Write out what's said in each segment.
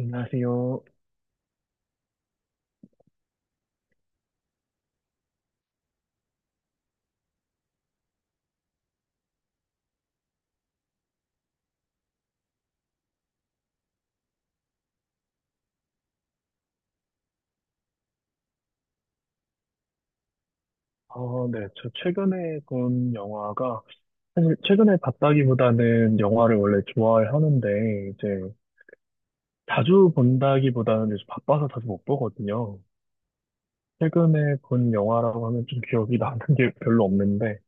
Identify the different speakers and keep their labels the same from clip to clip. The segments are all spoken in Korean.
Speaker 1: 안녕하세요. 네. 저 최근에 본 영화가, 사실 최근에 봤다기보다는 영화를 원래 좋아하는데, 이제 자주 본다기보다는 요즘 바빠서 자주 못 보거든요. 최근에 본 영화라고 하면 좀 기억이 나는 게 별로 없는데,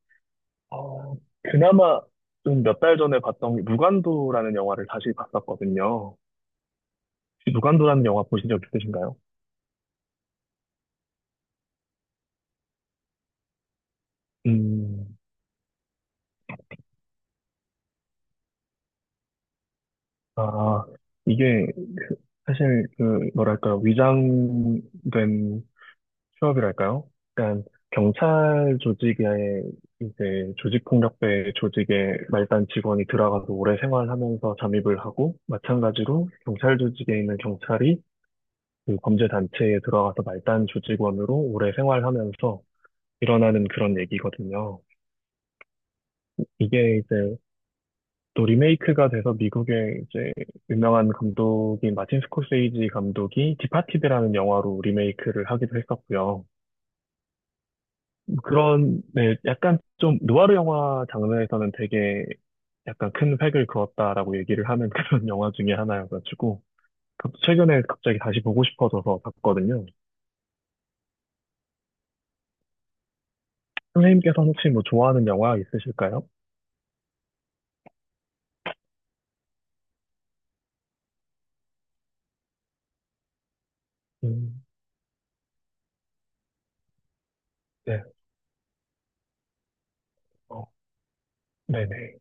Speaker 1: 어, 그나마 좀 몇 달 전에 봤던 게 무간도라는 영화를 다시 봤었거든요. 혹시 무간도라는 영화 보신 적 있으신가요? 음, 아, 이게 사실 그, 뭐랄까, 위장된 휴업이랄까요. 그러니까 경찰 조직에 이제 조직폭력배 조직에 말단 직원이 들어가서 오래 생활하면서 잠입을 하고 마찬가지로 경찰 조직에 있는 경찰이 그 범죄 단체에 들어가서 말단 조직원으로 오래 생활하면서 일어나는 그런 얘기거든요. 이게 이제 또 리메이크가 돼서 미국의 이제 유명한 감독인 마틴 스코세이지 감독이 디파티드라는 영화로 리메이크를 하기도 했었고요. 그런, 네, 약간 좀 누아르 영화 장르에서는 되게 약간 큰 획을 그었다라고 얘기를 하는 그런 영화 중에 하나여가지고 그것도 최근에 갑자기 다시 보고 싶어져서 봤거든요. 선생님께서 혹시 뭐 좋아하는 영화 있으실까요? 음, 네, 어, 네네.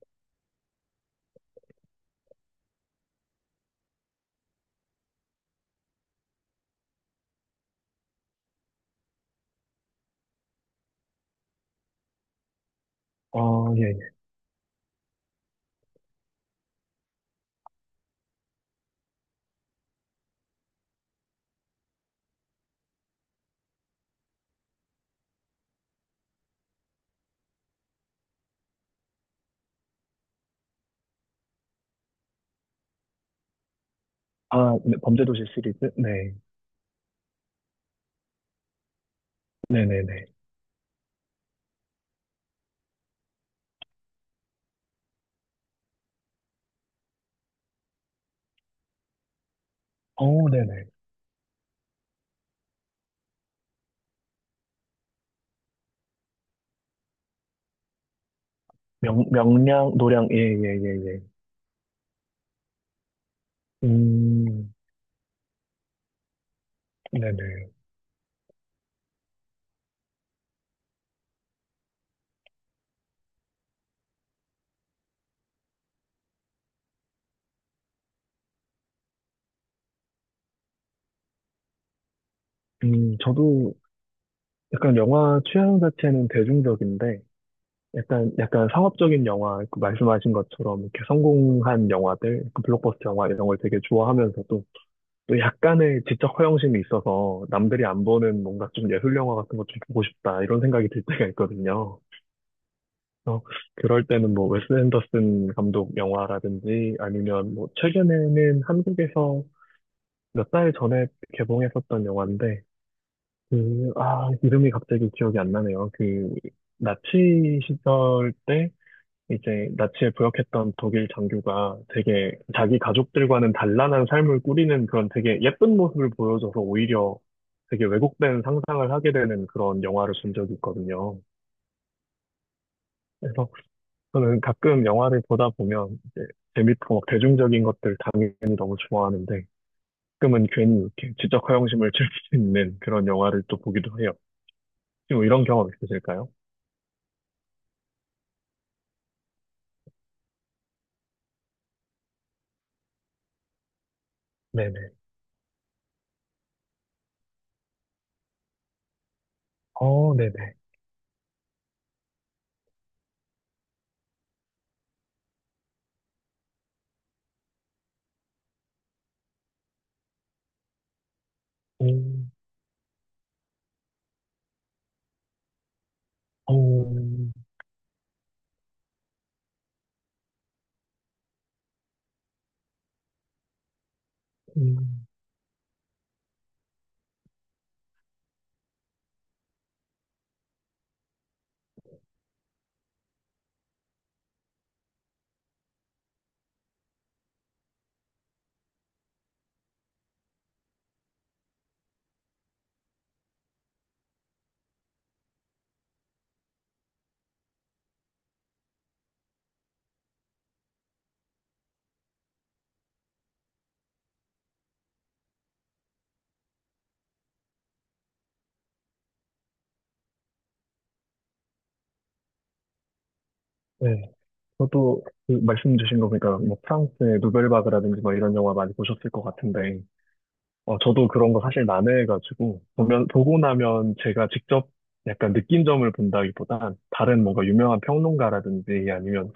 Speaker 1: 어, 예, 예. 아, 네, 범죄도시 시리즈? 네, 네네네. 어, 네네. 명량, 노량, 예, 예, 예, 예. 음, 네네. 저도 약간 영화 취향 자체는 대중적인데, 약간 상업적인 영화, 그 말씀하신 것처럼 이렇게 성공한 영화들, 그 블록버스터 영화 이런 걸 되게 좋아하면서도 또 약간의 지적 허영심이 있어서 남들이 안 보는 뭔가 좀 예술 영화 같은 것 좀 보고 싶다 이런 생각이 들 때가 있거든요. 그래서 그럴 때는 뭐 웨스 앤더슨 감독 영화라든지 아니면 뭐 최근에는 한국에서 몇 달 전에 개봉했었던 영화인데 그, 아, 이름이 갑자기 기억이 안 나네요. 그 나치 시절 때 이제 나치에 부역했던 독일 장교가 되게 자기 가족들과는 단란한 삶을 꾸리는 그런 되게 예쁜 모습을 보여줘서 오히려 되게 왜곡된 상상을 하게 되는 그런 영화를 본 적이 있거든요. 그래서 저는 가끔 영화를 보다 보면 이제 재밌고 막 대중적인 것들 당연히 너무 좋아하는데 가끔은 괜히 이렇게 지적 허영심을 즐길 수 있는 그런 영화를 또 보기도 해요. 지금 이런 경험 있으실까요? 네네. 어, 네네. 음, 어, 음, 네. 저도 그 말씀 주신 거 보니까 뭐 프랑스의 누벨바그라든지 뭐 이런 영화 많이 보셨을 것 같은데 저도 그런 거 사실 난해해가지고 보면 보고 나면 제가 직접 약간 느낀점을 본다기보단 다른 뭔가 유명한 평론가라든지 아니면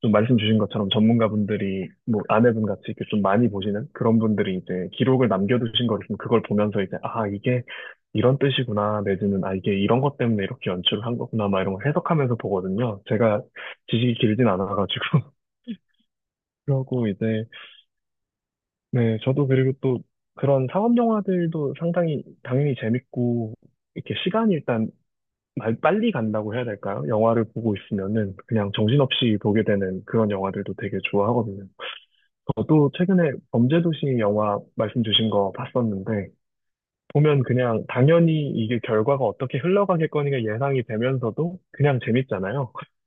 Speaker 1: 좀 말씀 주신 것처럼 전문가분들이 뭐 아내분 같이 이렇게 좀 많이 보시는 그런 분들이 이제 기록을 남겨두신 거를 좀 그걸 보면서 이제 아 이게 이런 뜻이구나 내지는 아 이게 이런 것 때문에 이렇게 연출을 한 거구나 막 이런 걸 해석하면서 보거든요. 제가 지식이 길진 않아가지고 그러고 이제 네 저도 그리고 또 그런 사업 영화들도 상당히 당연히 재밌고 이렇게 시간이 일단 빨리 간다고 해야 될까요? 영화를 보고 있으면은 그냥 정신없이 보게 되는 그런 영화들도 되게 좋아하거든요. 저도 최근에 범죄도시 영화 말씀 주신 거 봤었는데 보면 그냥 당연히 이게 결과가 어떻게 흘러가겠거니가 예상이 되면서도 그냥 재밌잖아요.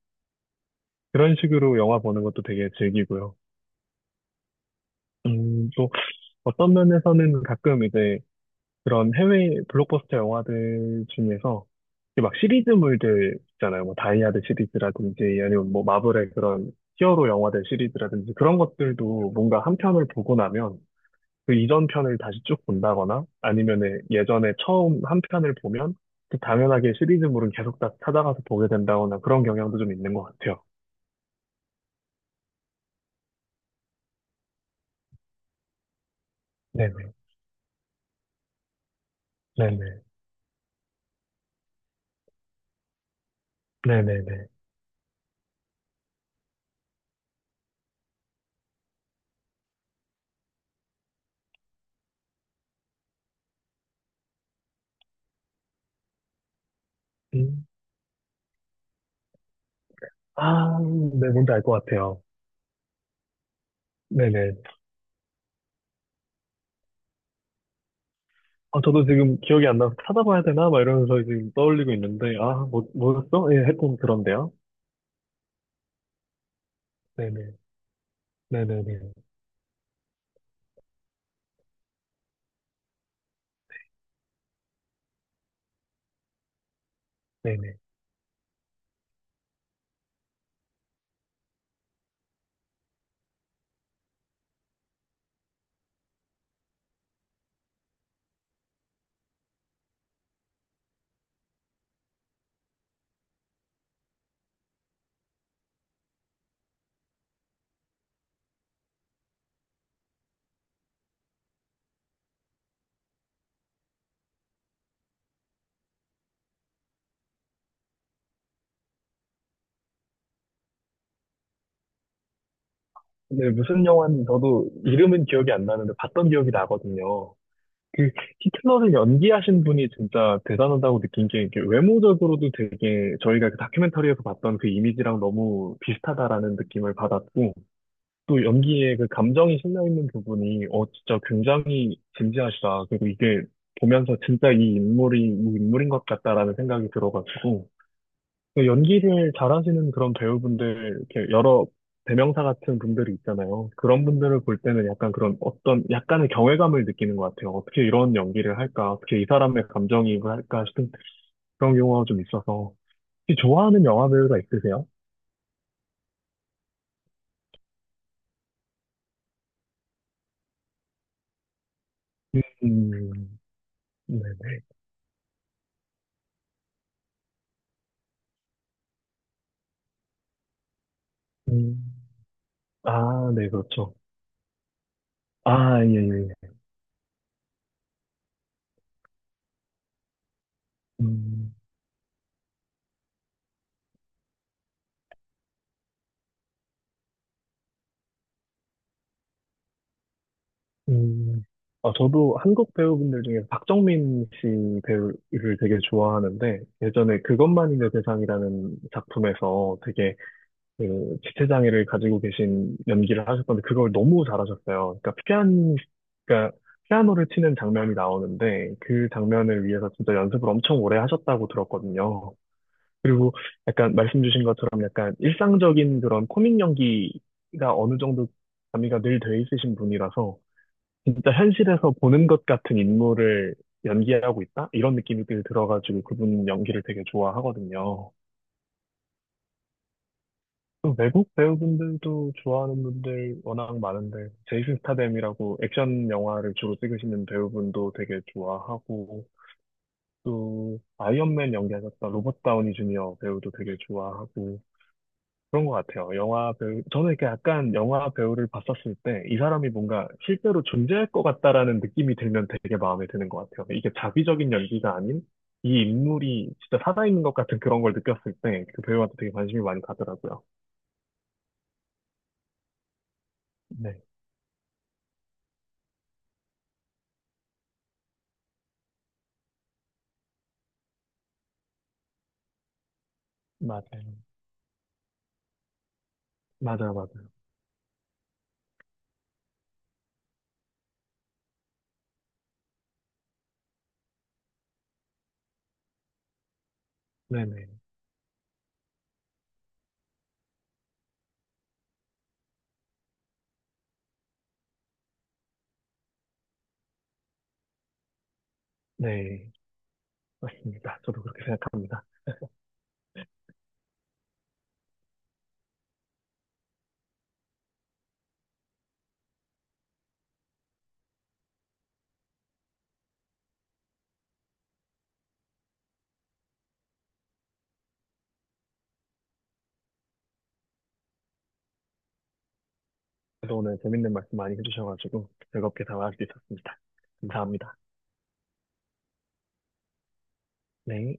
Speaker 1: 그런 식으로 영화 보는 것도 되게 즐기고요. 또 어떤 면에서는 가끔 이제 그런 해외 블록버스터 영화들 중에서 이게 막 시리즈물들 있잖아요. 뭐 다이아드 시리즈라든지 아니면 뭐 마블의 그런 히어로 영화들 시리즈라든지 그런 것들도 뭔가 한 편을 보고 나면 그 이전 편을 다시 쭉 본다거나 아니면은 예전에 처음 한 편을 보면 그 당연하게 시리즈물은 계속 다 찾아가서 보게 된다거나 그런 경향도 좀 있는 것 같아요. 네네. 네네. 네네네. 음. 아, 네, 뭔지 알 것 같아요. 네네. 아, 저도 지금 기억이 안 나서 찾아봐야 되나? 막 이러면서 지금 떠올리고 있는데, 아, 뭐였어? 예, 하여 그런데요. 네네. 네네네. 네네. 근데 무슨 영화인지 저도 이름은 기억이 안 나는데 봤던 기억이 나거든요. 그 히틀러를 연기하신 분이 진짜 대단하다고 느낀 게 이게 외모적으로도 되게 저희가 그 다큐멘터리에서 봤던 그 이미지랑 너무 비슷하다라는 느낌을 받았고, 또 연기에 그 감정이 실려 있는 부분이 어 진짜 굉장히 진지하시다. 그리고 이게 보면서 진짜 이 인물이 이 인물인 것 같다라는 생각이 들어가지고 그 연기를 잘하시는 그런 배우분들 이렇게 여러 대명사 같은 분들이 있잖아요. 그런 분들을 볼 때는 약간 그런 어떤 약간의 경외감을 느끼는 것 같아요. 어떻게 이런 연기를 할까? 어떻게 이 사람의 감정이입을 할까 싶은 그런 경우가 좀 있어서 혹시 좋아하는 영화 배우가 있으세요? 음, 네네. 음, 아, 네, 그렇죠. 아, 예, 예, 예. 음, 음. 아, 저도 한국 배우분들 중에 박정민 씨 배우를 되게 좋아하는데, 예전에 그것만이 내 세상이라는 작품에서 되게 그 지체장애를 가지고 계신 연기를 하셨던데, 그걸 너무 잘하셨어요. 그러니까 그러니까 피아노를 치는 장면이 나오는데, 그 장면을 위해서 진짜 연습을 엄청 오래 하셨다고 들었거든요. 그리고 약간 말씀 주신 것처럼 약간 일상적인 그런 코믹 연기가 어느 정도 가미가 늘 돼 있으신 분이라서 진짜 현실에서 보는 것 같은 인물을 연기하고 있다? 이런 느낌이 늘 들어가지고 그분 연기를 되게 좋아하거든요. 또 외국 배우분들도 좋아하는 분들 워낙 많은데 제이슨 스타뎀이라고 액션 영화를 주로 찍으시는 배우분도 되게 좋아하고 또 아이언맨 연기하셨던 로버트 다우니 주니어 배우도 되게 좋아하고 그런 것 같아요. 영화 배우, 저는 이렇게 약간 영화 배우를 봤었을 때 이 사람이 뭔가 실제로 존재할 것 같다라는 느낌이 들면 되게 마음에 드는 것 같아요. 이게 자비적인 연기가 아닌 이 인물이 진짜 살아있는 것 같은 그런 걸 느꼈을 때 그 배우한테 되게 관심이 많이 가더라고요. 네, 맞아요. 맞아요, 맞아요. 네네. 네. 맞습니다. 저도 그렇게 생각합니다. 그래서 오늘 재밌는 말씀 많이 해주셔가지고 즐겁게 대화할 수 있었습니다. 감사합니다. 네.